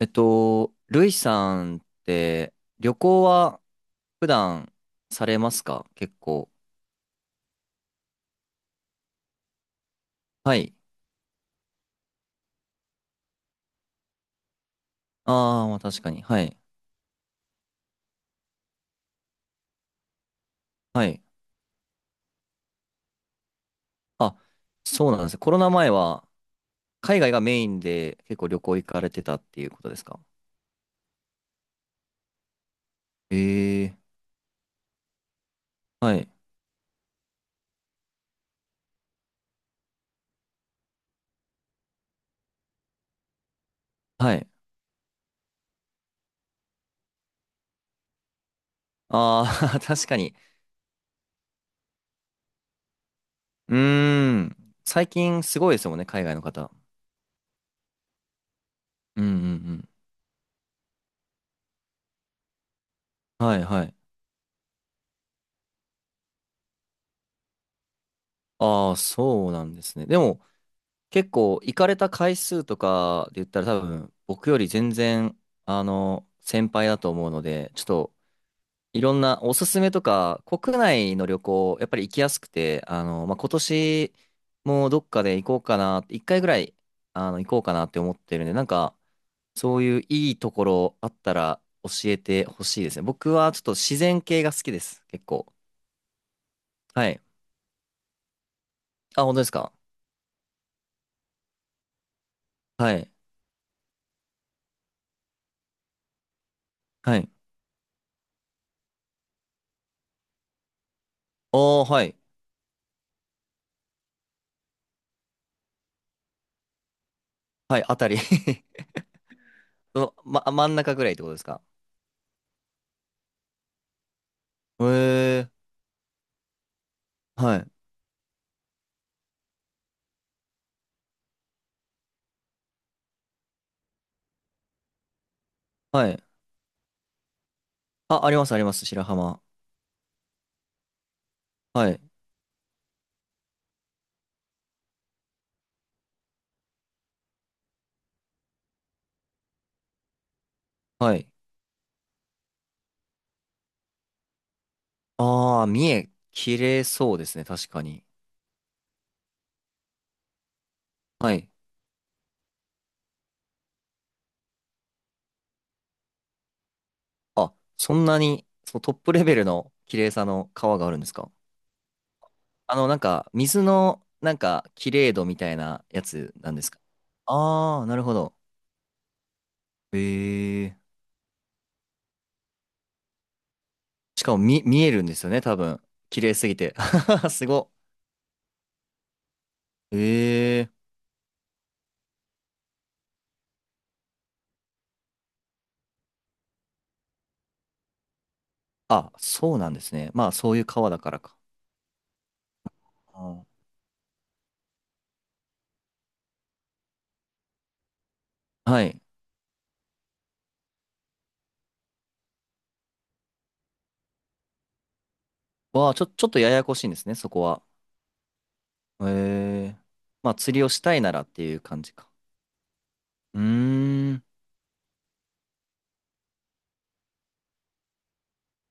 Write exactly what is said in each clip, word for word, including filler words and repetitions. えっと、ルイさんって旅行は普段されますか結構？はい。ああ、まあ確かに。はい。はい。あ、そうなんですね。コロナ前は海外がメインで結構旅行行かれてたっていうことですか？ええーはい。はい。ああ、確かに。うーん。最近すごいですもんね、海外の方。うんうんうん。はいはい。ああ、そうなんですね。でも、結構行かれた回数とかで言ったら多分僕より全然あの先輩だと思うのでちょっといろんなおすすめとか国内の旅行やっぱり行きやすくてあの、まあ、今年もどっかで行こうかな一回ぐらいあの行こうかなって思ってるんでなんかそういういいところあったら教えてほしいですね。僕はちょっと自然系が好きです結構。はい。あ、本当ですか？はい。はい。おー、はい。はい、あたり その、ま、真ん中ぐらいってことですか？へえ。はい、はい。あ、あります、あります、白浜。はい、はい。ああ、三重、綺麗そうですね、確かに。はい。あ、そんなに？そう、トップレベルの綺麗さの川があるんですか？あの、なんか、水の、なんか、綺麗度みたいなやつなんですか？ああー、なるほど。ええ。しかも、み、見えるんですよね、多分。綺麗すぎて。すごっ。ええ。あ、そうなんですね。まあ、そういう川だからか。うん。はい。わあ、ちょ、ちょっとややこしいんですね、そこは。へえ。まあ、釣りをしたいならっていう感じか。うーん。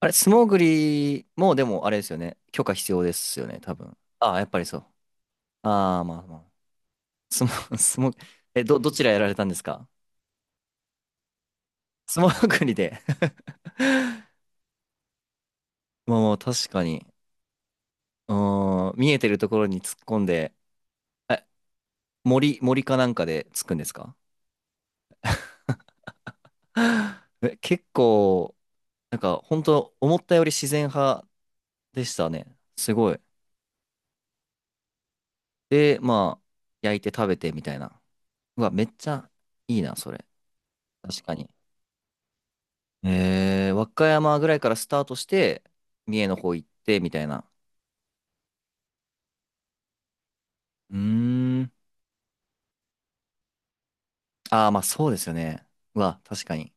あれ、素潜りも、でも、あれですよね。許可必要ですよね、多分。ああ、やっぱりそう。ああ、まあまあ。素潜、素潜、え、ど、どちらやられたんですか？素潜りで。 まあまあ、確かに。うーん、見えてるところに突っ込んで、え、森、森かなんかで突くんですか？ え、結構、なんか、本当思ったより自然派でしたね。すごい。で、まあ、焼いて食べてみたいな。うわ、めっちゃいいな、それ。確かに。えー、和歌山ぐらいからスタートして、三重の方行って、みたいな。うーん。ああ、まあそうですよね。うわ、確かに。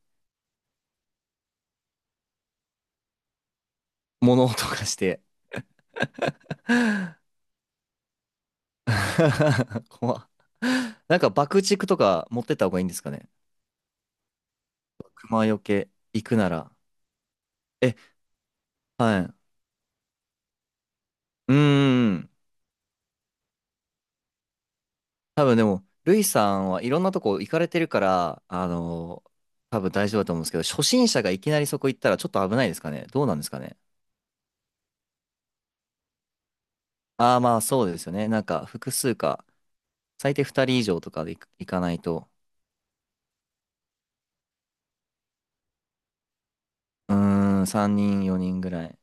物音がして。怖っ。なんか爆竹とか持ってった方がいいんですかね？熊よけ行くなら。え、はい。うーん。多分でも、ルイさんはいろんなとこ行かれてるから、あの、多分大丈夫だと思うんですけど、初心者がいきなりそこ行ったらちょっと危ないですかね。どうなんですかね。ああ、まあそうですよね。なんか複数か、最低ふたり以上とかで行く行かないと。うーん、さんにん、よにんぐらい。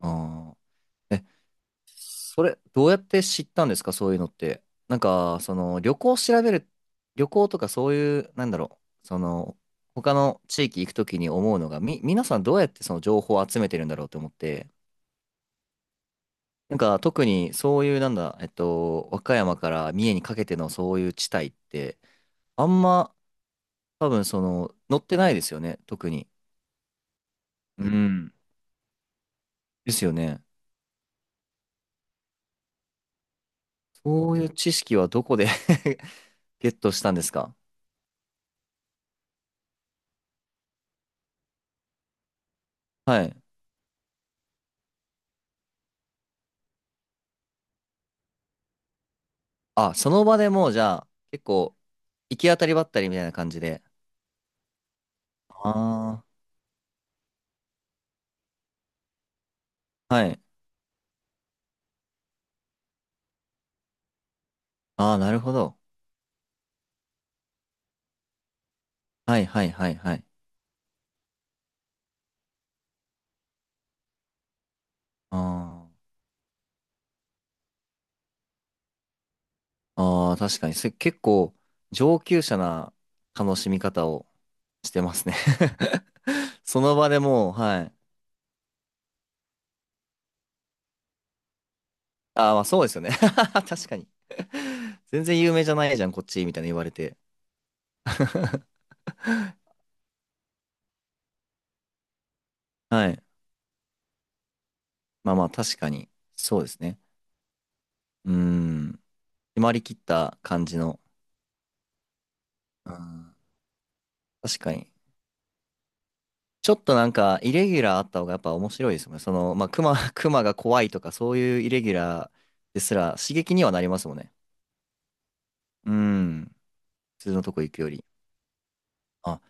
あーえ、それ、どうやって知ったんですか、そういうのって。なんか、その、旅行を調べる、旅行とかそういう、なんだろう、その、他の地域行くときに思うのが、み、皆さんどうやってその情報を集めてるんだろうと思って、なんか特にそういうなんだ、えっと、和歌山から三重にかけてのそういう地帯って、あんま多分その、乗ってないですよね、特に。うん。ですよね。そういう知識はどこで ゲットしたんですか？はい。あ、その場でもうじゃあ、結構、行き当たりばったりみたいな感じで。ああ。はい。ああ、なるほど。はいはいはいはい。ああ。ああ、確かに。それ結構、上級者な楽しみ方をしてますね。 その場でもう、はい。ああ、まあそうですよね。 確かに。全然有名じゃないじゃん、こっち、みたいな言われて。はい。まあまあ、確かに。そうですね。うーん。決まりきった感じの。うん。確かに。ちょっとなんか、イレギュラーあった方がやっぱ面白いですよね。その、まあ、熊、熊が怖いとか、そういうイレギュラーですら刺激にはなりますもんね。うん。普通のとこ行くより。あ、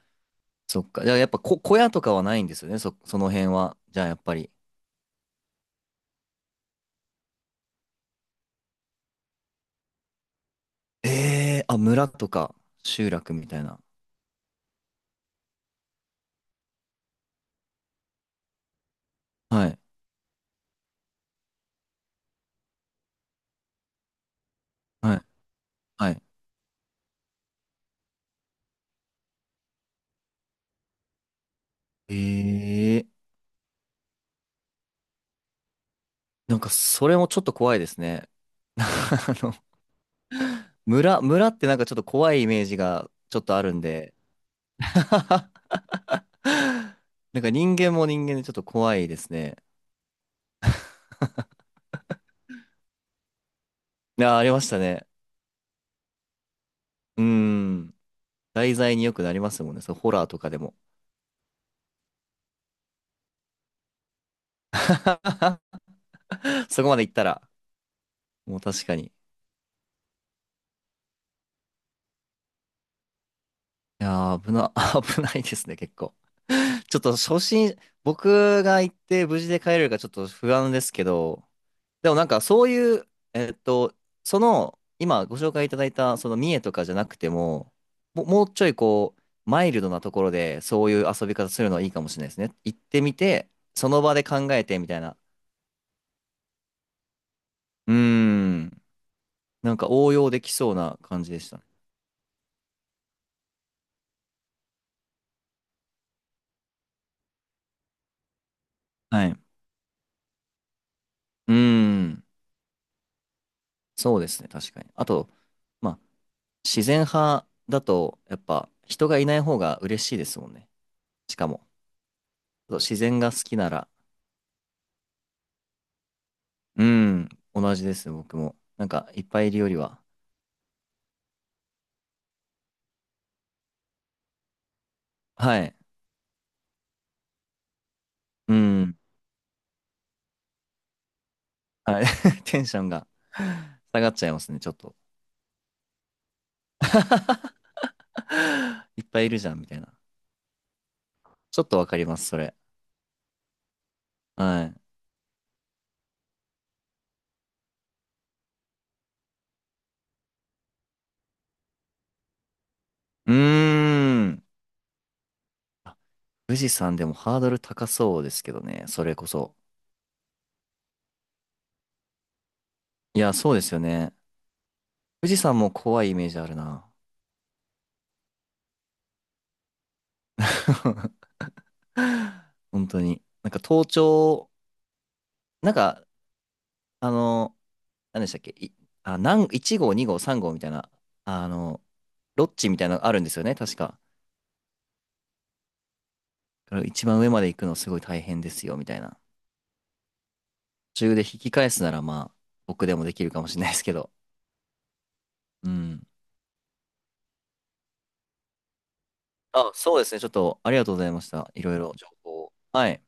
そっか。じゃあやっぱこ小屋とかはないんですよね、そ、その辺は。じゃあやっぱり。えー、あ、村とか集落みたいな。はい、はい、はい。えー、なんかそれもちょっと怖いですね。あの、村、村ってなんかちょっと怖いイメージがちょっとあるんで。なんか人間も人間でちょっと怖いですね。いや、ありましたね。うん。題材によくなりますもんね。そう、ホラーとかでも。そこまで行ったら、もう確かに。いやー、危な、危ないですね、結構。ちょっと初心、僕が行って無事で帰れるかちょっと不安ですけど、でもなんかそういう、えっと、その、今ご紹介いただいた、その三重とかじゃなくても、も、もうちょいこう、マイルドなところでそういう遊び方するのはいいかもしれないですね。行ってみて、その場で考えてみたいな。うーん。なんか応用できそうな感じでしたね。はい。うーん。そうですね、確かに。あと、まあ自然派だと、やっぱ人がいない方が嬉しいですもんね。しかも、そう自然が好きなら、うん、同じですね僕も。なんか、いっぱいいるよりは。はい。うん。はい。テンションが下がっちゃいますね、ちょっと。いっぱいいるじゃん、みたいな。ちょっとわかります、それ。はい。うーん。あ、富士山でもハードル高そうですけどね、それこそ。いや、そうですよね。富士山も怖いイメージあるな。本当に。なんか盗聴、なんか、あの、何でしたっけ、い、あ、なんいち号、に号、さん号みたいな、あの、ロッジみたいなのあるんですよね、確か。だから一番上まで行くのすごい大変ですよ、みたいな。途中で引き返すなら、まあ、僕でもできるかもしれないですけど。うん。あ、そうですね、ちょっとありがとうございました。いろいろ情報を。はい。